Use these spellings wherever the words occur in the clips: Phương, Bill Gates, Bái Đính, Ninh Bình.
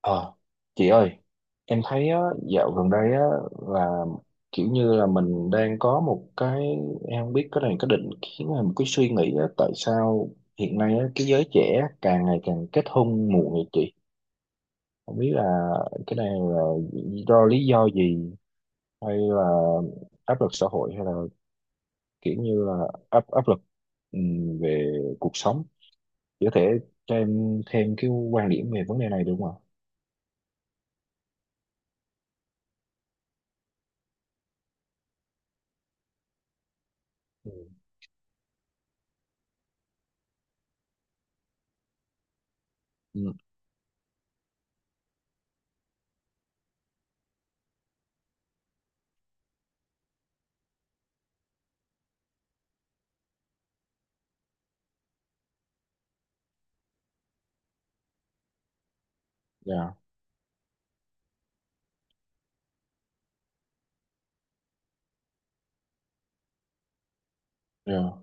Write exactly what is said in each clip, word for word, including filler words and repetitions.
Ờ, chị ơi, em thấy á, dạo gần đây á, là kiểu như là mình đang có một cái, em không biết cái này có định kiến hay một cái suy nghĩ á, tại sao hiện nay á, cái giới trẻ càng ngày càng kết hôn muộn vậy chị? Không biết là cái này là do lý do gì hay là áp lực xã hội hay là kiểu như là áp áp lực ừm, về cuộc sống. Chị có thể cho em thêm cái quan điểm về vấn đề này được không ạ? Ừ. Ừ, dạ, dạ.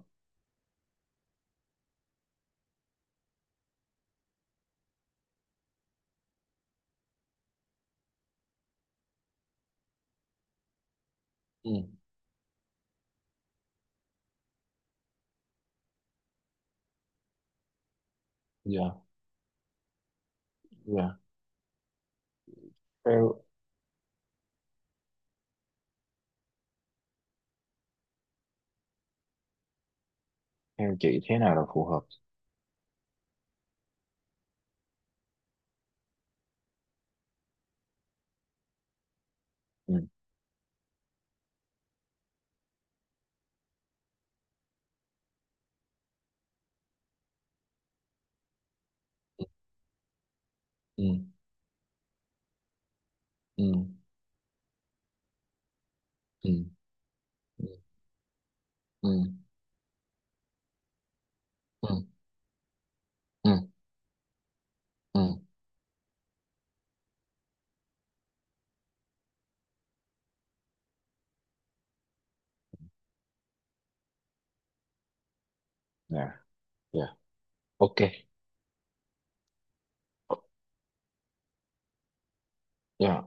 Ừ. Dạ, dạ. Theo theo chị thế nào là phù hợp? Ừ, ừ, ừ, ừ, ừ, ừ, ừ, ừ, ừ. Dạ, dạ. OK. Dạ,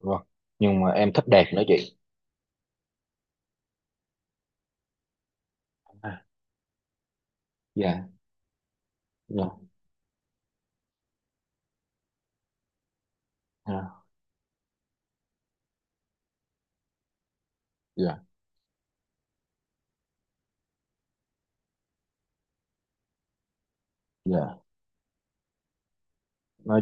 vâng. Nhưng mà em thích đẹp nữa chị. À. Dạ, dạ, dạ, dạ, dạ. nói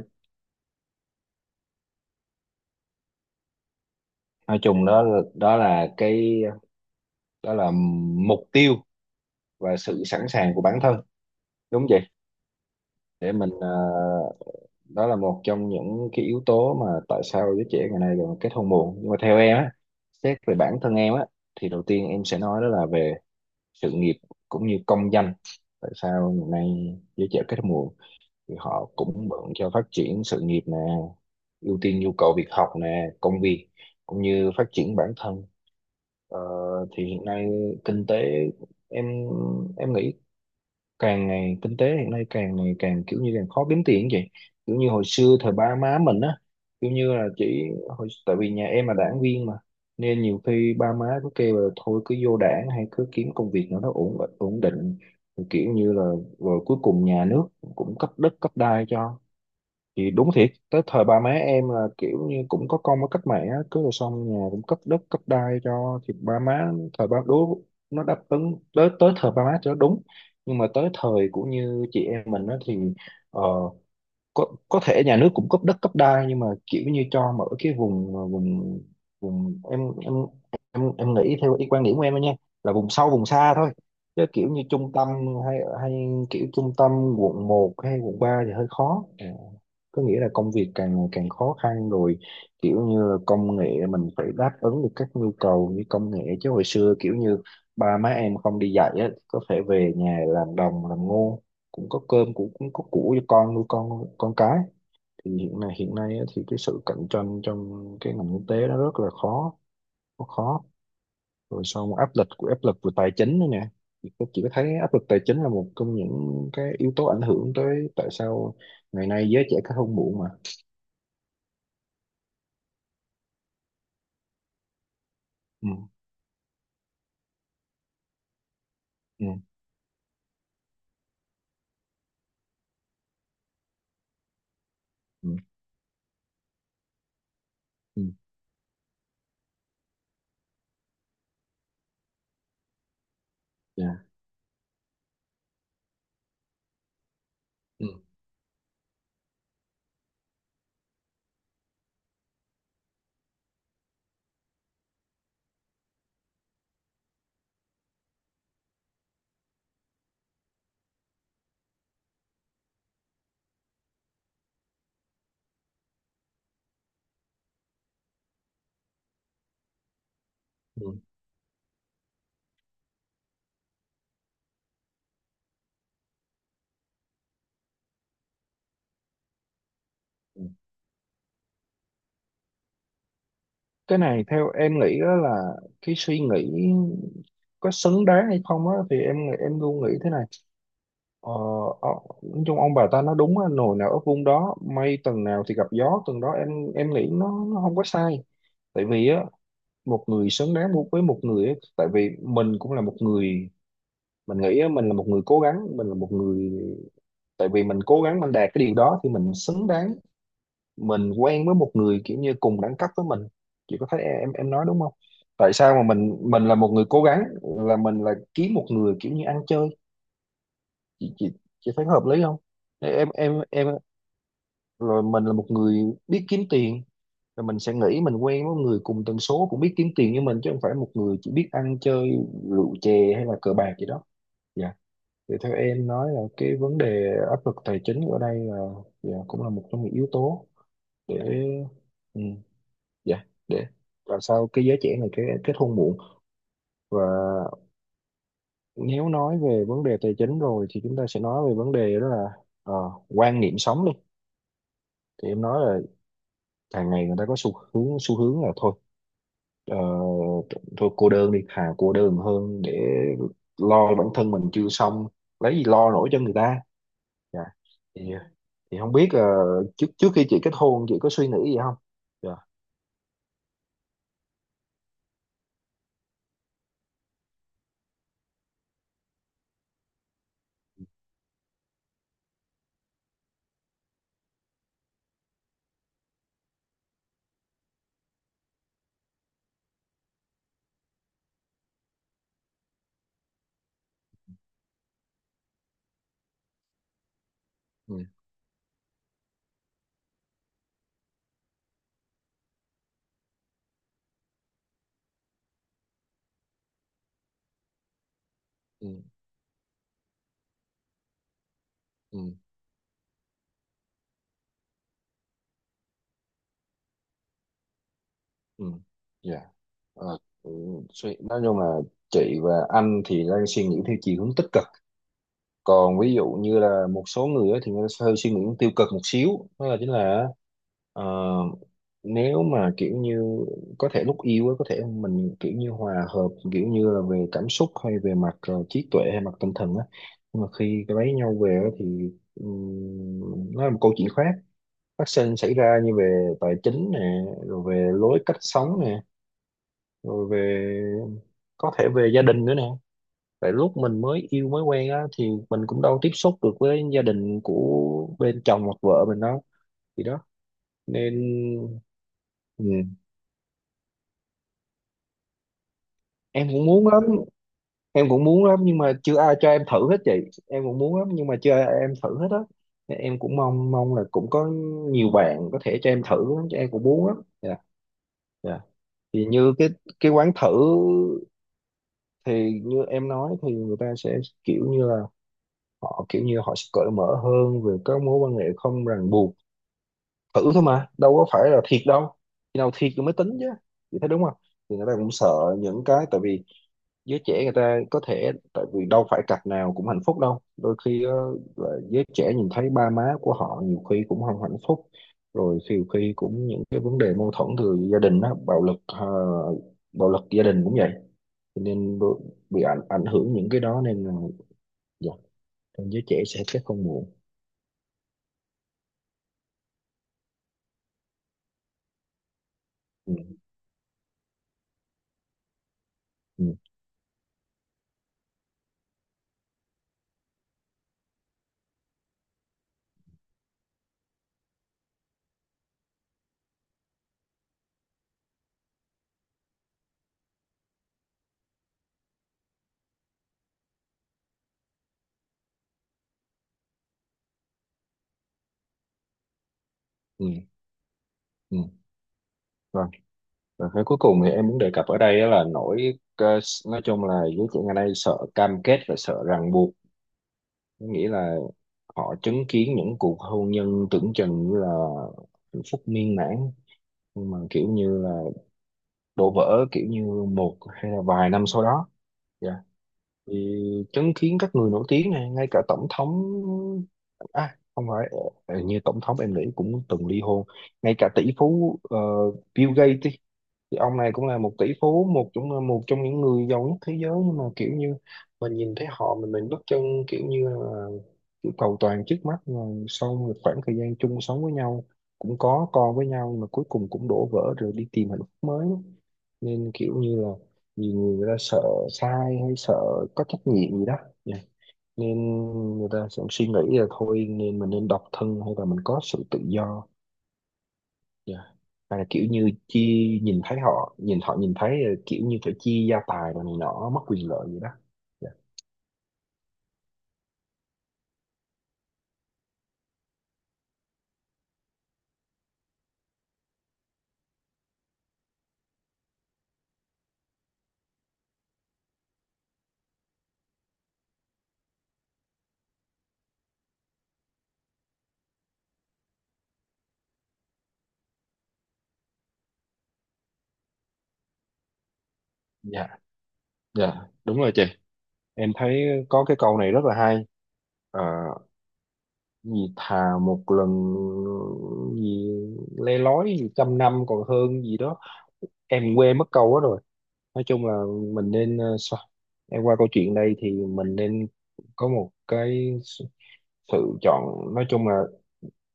nói chung, đó là- đó là cái đó là mục tiêu và sự sẵn sàng của bản thân. Đúng vậy. Để mình. ờ, Đó là một trong những cái yếu tố mà tại sao giới trẻ ngày nay còn kết hôn muộn, nhưng mà theo em á, xét về bản thân em á, thì đầu tiên em sẽ nói đó là về sự nghiệp cũng như công danh. Tại sao ngày nay giới trẻ kết hôn muộn? Thì họ cũng bận cho phát triển sự nghiệp nè, ưu tiên nhu cầu việc học nè, công việc, cũng như phát triển bản thân. ờ, thì hiện nay kinh tế, em em nghĩ, càng ngày kinh tế hiện nay càng ngày càng kiểu như càng khó kiếm tiền vậy. Kiểu như hồi xưa thời ba má mình á, kiểu như là chỉ, hồi, tại vì nhà em là đảng viên mà, nên nhiều khi ba má cứ kêu là thôi cứ vô đảng hay cứ kiếm công việc nào nó ổn ổn định. Thì kiểu như là rồi cuối cùng nhà nước cũng cấp đất cấp đai cho. Thì đúng thiệt tới thời ba má em là kiểu như cũng có công với cách mạng á, cứ rồi xong nhà cũng cấp đất cấp đai cho thì ba má, thời ba đối, nó đáp ứng tới tới thời ba má cho nó đúng. Nhưng mà tới thời của như chị em mình á thì, ờ, có có thể nhà nước cũng cấp đất cấp đai nhưng mà kiểu như cho mở cái vùng, ờ, vùng vùng em em em em nghĩ theo ý quan điểm của em thôi nha, là vùng sâu vùng xa thôi. Chứ kiểu như trung tâm, hay hay kiểu trung tâm quận một hay quận ba thì hơi khó. Ờ, có nghĩa là công việc càng ngày càng khó khăn rồi. Kiểu như là công nghệ mình phải đáp ứng được các nhu cầu như công nghệ, chứ hồi xưa kiểu như ba má em không đi dạy á, có thể về nhà làm đồng làm ngô, cũng có cơm cũng cũng có củ cho con nuôi con con cái. Thì hiện nay hiện nay á, thì cái sự cạnh tranh trong cái ngành kinh tế nó rất là khó. Rất khó. Rồi sau một áp lực của áp lực về tài chính nữa nè. Thì tôi chỉ có thấy áp lực tài chính là một trong những cái yếu tố ảnh hưởng tới, tại sao ngày nay giới trẻ kết hôn muộn mà. Ừ, ừ, ừ, ừ. Dạ, ừ, ừ, ừ. Cái này theo em nghĩ á là cái suy nghĩ có xứng đáng hay không á thì em em luôn nghĩ thế này. Ờ, ờ, nói chung ông bà ta nói đúng á, nồi nào ấp vung đó, mây tầng nào thì gặp gió tầng đó em. Em nghĩ nó nó không có sai. Tại vì á, một người xứng đáng mu- với một người á, tại vì mình cũng là một người. Mình nghĩ á, mình là một người cố gắng, mình là một người, tại vì mình cố gắng mình đạt cái điều đó thì mình xứng đáng. Mình quen với một người kiểu như cùng đẳng cấp với mình. Chị có thấy em em nói đúng không? Tại sao mà mình mình là một người cố gắng là mình là kiếm một người kiểu như ăn chơi? Chị chị chị thấy hợp lý không? Em em em rồi mình là một người biết kiếm tiền, rồi mình sẽ nghĩ mình quen với người cùng tần số cũng biết kiếm tiền như mình chứ không phải một người chỉ biết ăn chơi rượu chè hay là cờ bạc gì đó. Dạ. Thì theo em nói là cái vấn đề áp lực tài chính ở đây là, dạ cũng là một trong những yếu tố để, ừ, dạ, để, và sao cái giới trẻ này cái kết hôn muộn. Và nếu nói về vấn đề tài chính rồi thì chúng ta sẽ nói về vấn đề đó là, ờ, quan niệm sống đi. Thì em nói là càng ngày người ta có xu hướng xu hướng là thôi. Ờ, Thôi cô đơn đi, thà cô đơn hơn để lo bản thân mình chưa xong lấy gì lo nổi cho người ta. Dạ. Thì thì không biết ờ, trước trước khi chị kết hôn chị có suy nghĩ gì không? Dạ. Ừ, ừ, ừ, ừ, dạ. Ờ, ừ, suy nói chung là chị và anh thì đang suy nghĩ theo chiều hướng tích cực, còn ví dụ như là một số người á thì người ta sẽ hơi suy nghĩ tiêu cực một xíu, đó là chính là, ờ, nếu mà kiểu như có thể lúc yêu á, có thể mình kiểu như hòa hợp kiểu như là về cảm xúc hay về mặt, ờ, trí tuệ hay mặt tinh thần á, nhưng mà khi lấy nhau về á thì, ừm, nó là một câu chuyện khác phát sinh xảy ra, như về tài chính nè, rồi về lối cách sống nè, rồi về, có thể về gia đình nữa nè. Tại lúc mình mới yêu mới quen á thì mình cũng đâu tiếp xúc được với gia đình của bên chồng hoặc vợ mình đâu. Thì đó nên, ừ. Em cũng muốn lắm. Em cũng muốn lắm nhưng mà chưa ai cho em thử hết chị. Em cũng muốn lắm nhưng mà chưa ai em thử hết á. Nên em cũng mong mong là cũng có nhiều bạn có thể cho em thử lắm, chứ em cũng muốn lắm. Dạ. Dạ. Thì như cái cái quán thử, thì như em nói thì người ta sẽ kiểu như là họ kiểu như họ sẽ cởi mở hơn về các mối quan hệ không ràng buộc. Thử thôi mà đâu có phải là thiệt đâu, khi nào thiệt rồi mới tính chứ. Chị thấy đúng không? Thì người ta cũng sợ những cái, tại vì giới trẻ người ta có thể, tại vì đâu phải cặp nào cũng hạnh phúc đâu, đôi khi ờ, là giới trẻ nhìn thấy ba má của họ nhiều khi cũng không hạnh phúc, rồi nhiều khi cũng những cái vấn đề mâu thuẫn từ gia đình đó, bạo lực, ờ, bạo lực gia đình cũng vậy, cho nên đôi- bị ảnh ảnh hưởng những cái đó nên là, dạ, giới trẻ sẽ kết hôn muộn. Ừ, ừ, ừ, ừ. Và cái cuối cùng thì em muốn đề cập ở đây á là nỗi, ờ, s- nói chung là giới trẻ ngày nay sợ cam kết và sợ ràng buộc. Có nghĩa là họ chứng kiến những cuộc hôn nhân tưởng chừng như là hạnh phúc miên mãn nhưng mà kiểu như là đổ vỡ kiểu như một hay là vài năm sau đó. Dạ. Thì chứng kiến các người nổi tiếng này, ngay cả tổng thống, à không phải, ờ, như tổng thống em nghĩ cũng từng ly hôn. Ngay cả tỷ phú, ờ, Bill Gates đi, thì ông này cũng là một tỷ phú, một trong một trong những người giàu nhất thế giới, nhưng mà kiểu như mình nhìn thấy họ, mình mình bất chân kiểu như là, kiểu cầu toàn trước mắt mà sau một khoảng thời gian chung sống với nhau cũng có con với nhau nhưng mà cuối cùng cũng đổ vỡ rồi đi tìm hạnh phúc mới. Nên kiểu như là nhiều người người ta sợ sai hay sợ có trách nhiệm gì đó. Dạ. Nên người ta sẽ suy nghĩ là thôi, nên mình nên độc thân hay là mình có sự tự do. Dạ. Và là kiểu như chi nhìn thấy họ, nhìn họ nhìn thấy ờ, kiểu như phải chia gia tài rồi này nọ mất quyền lợi gì đó. Dạ. Dạ. Dạ, đúng rồi chị. Em thấy có cái câu này rất là hay. Ờ, gì thà một lần, gì, le lói gì trăm năm còn hơn gì đó. Em quên mất câu đó rồi. Nói chung là mình nên, ờ, sao? Em qua câu chuyện đây thì mình nên có một cái sự chọn, nói chung là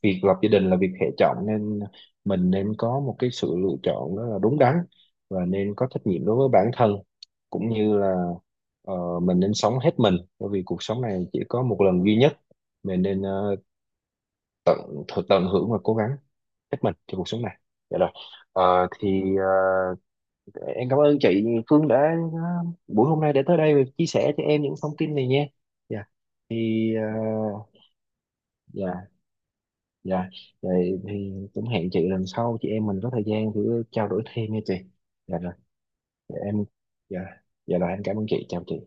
việc lập gia đình là việc hệ trọng nên mình nên có một cái sự lựa chọn đó là đúng đắn và nên có trách nhiệm đối với bản thân, cũng như là, ờ, mình nên sống hết mình bởi vì cuộc sống này chỉ có một lần duy nhất. Mình nên, ờ, tận thực tận hưởng và cố gắng hết mình cho cuộc sống này. Dạ rồi. Ờ, thì, ờ, em cảm ơn chị Phương đã, ờ, buổi hôm nay đã tới đây và chia sẻ cho em những thông tin này nha. Dạ. Thì, ờ, dạ. Dạ, vậy thì cũng hẹn chị lần sau chị em mình có thời gian thử trao đổi thêm nha chị. Dạ rồi, dạ em, dạ, dạ rồi em cảm ơn chị, chào chị.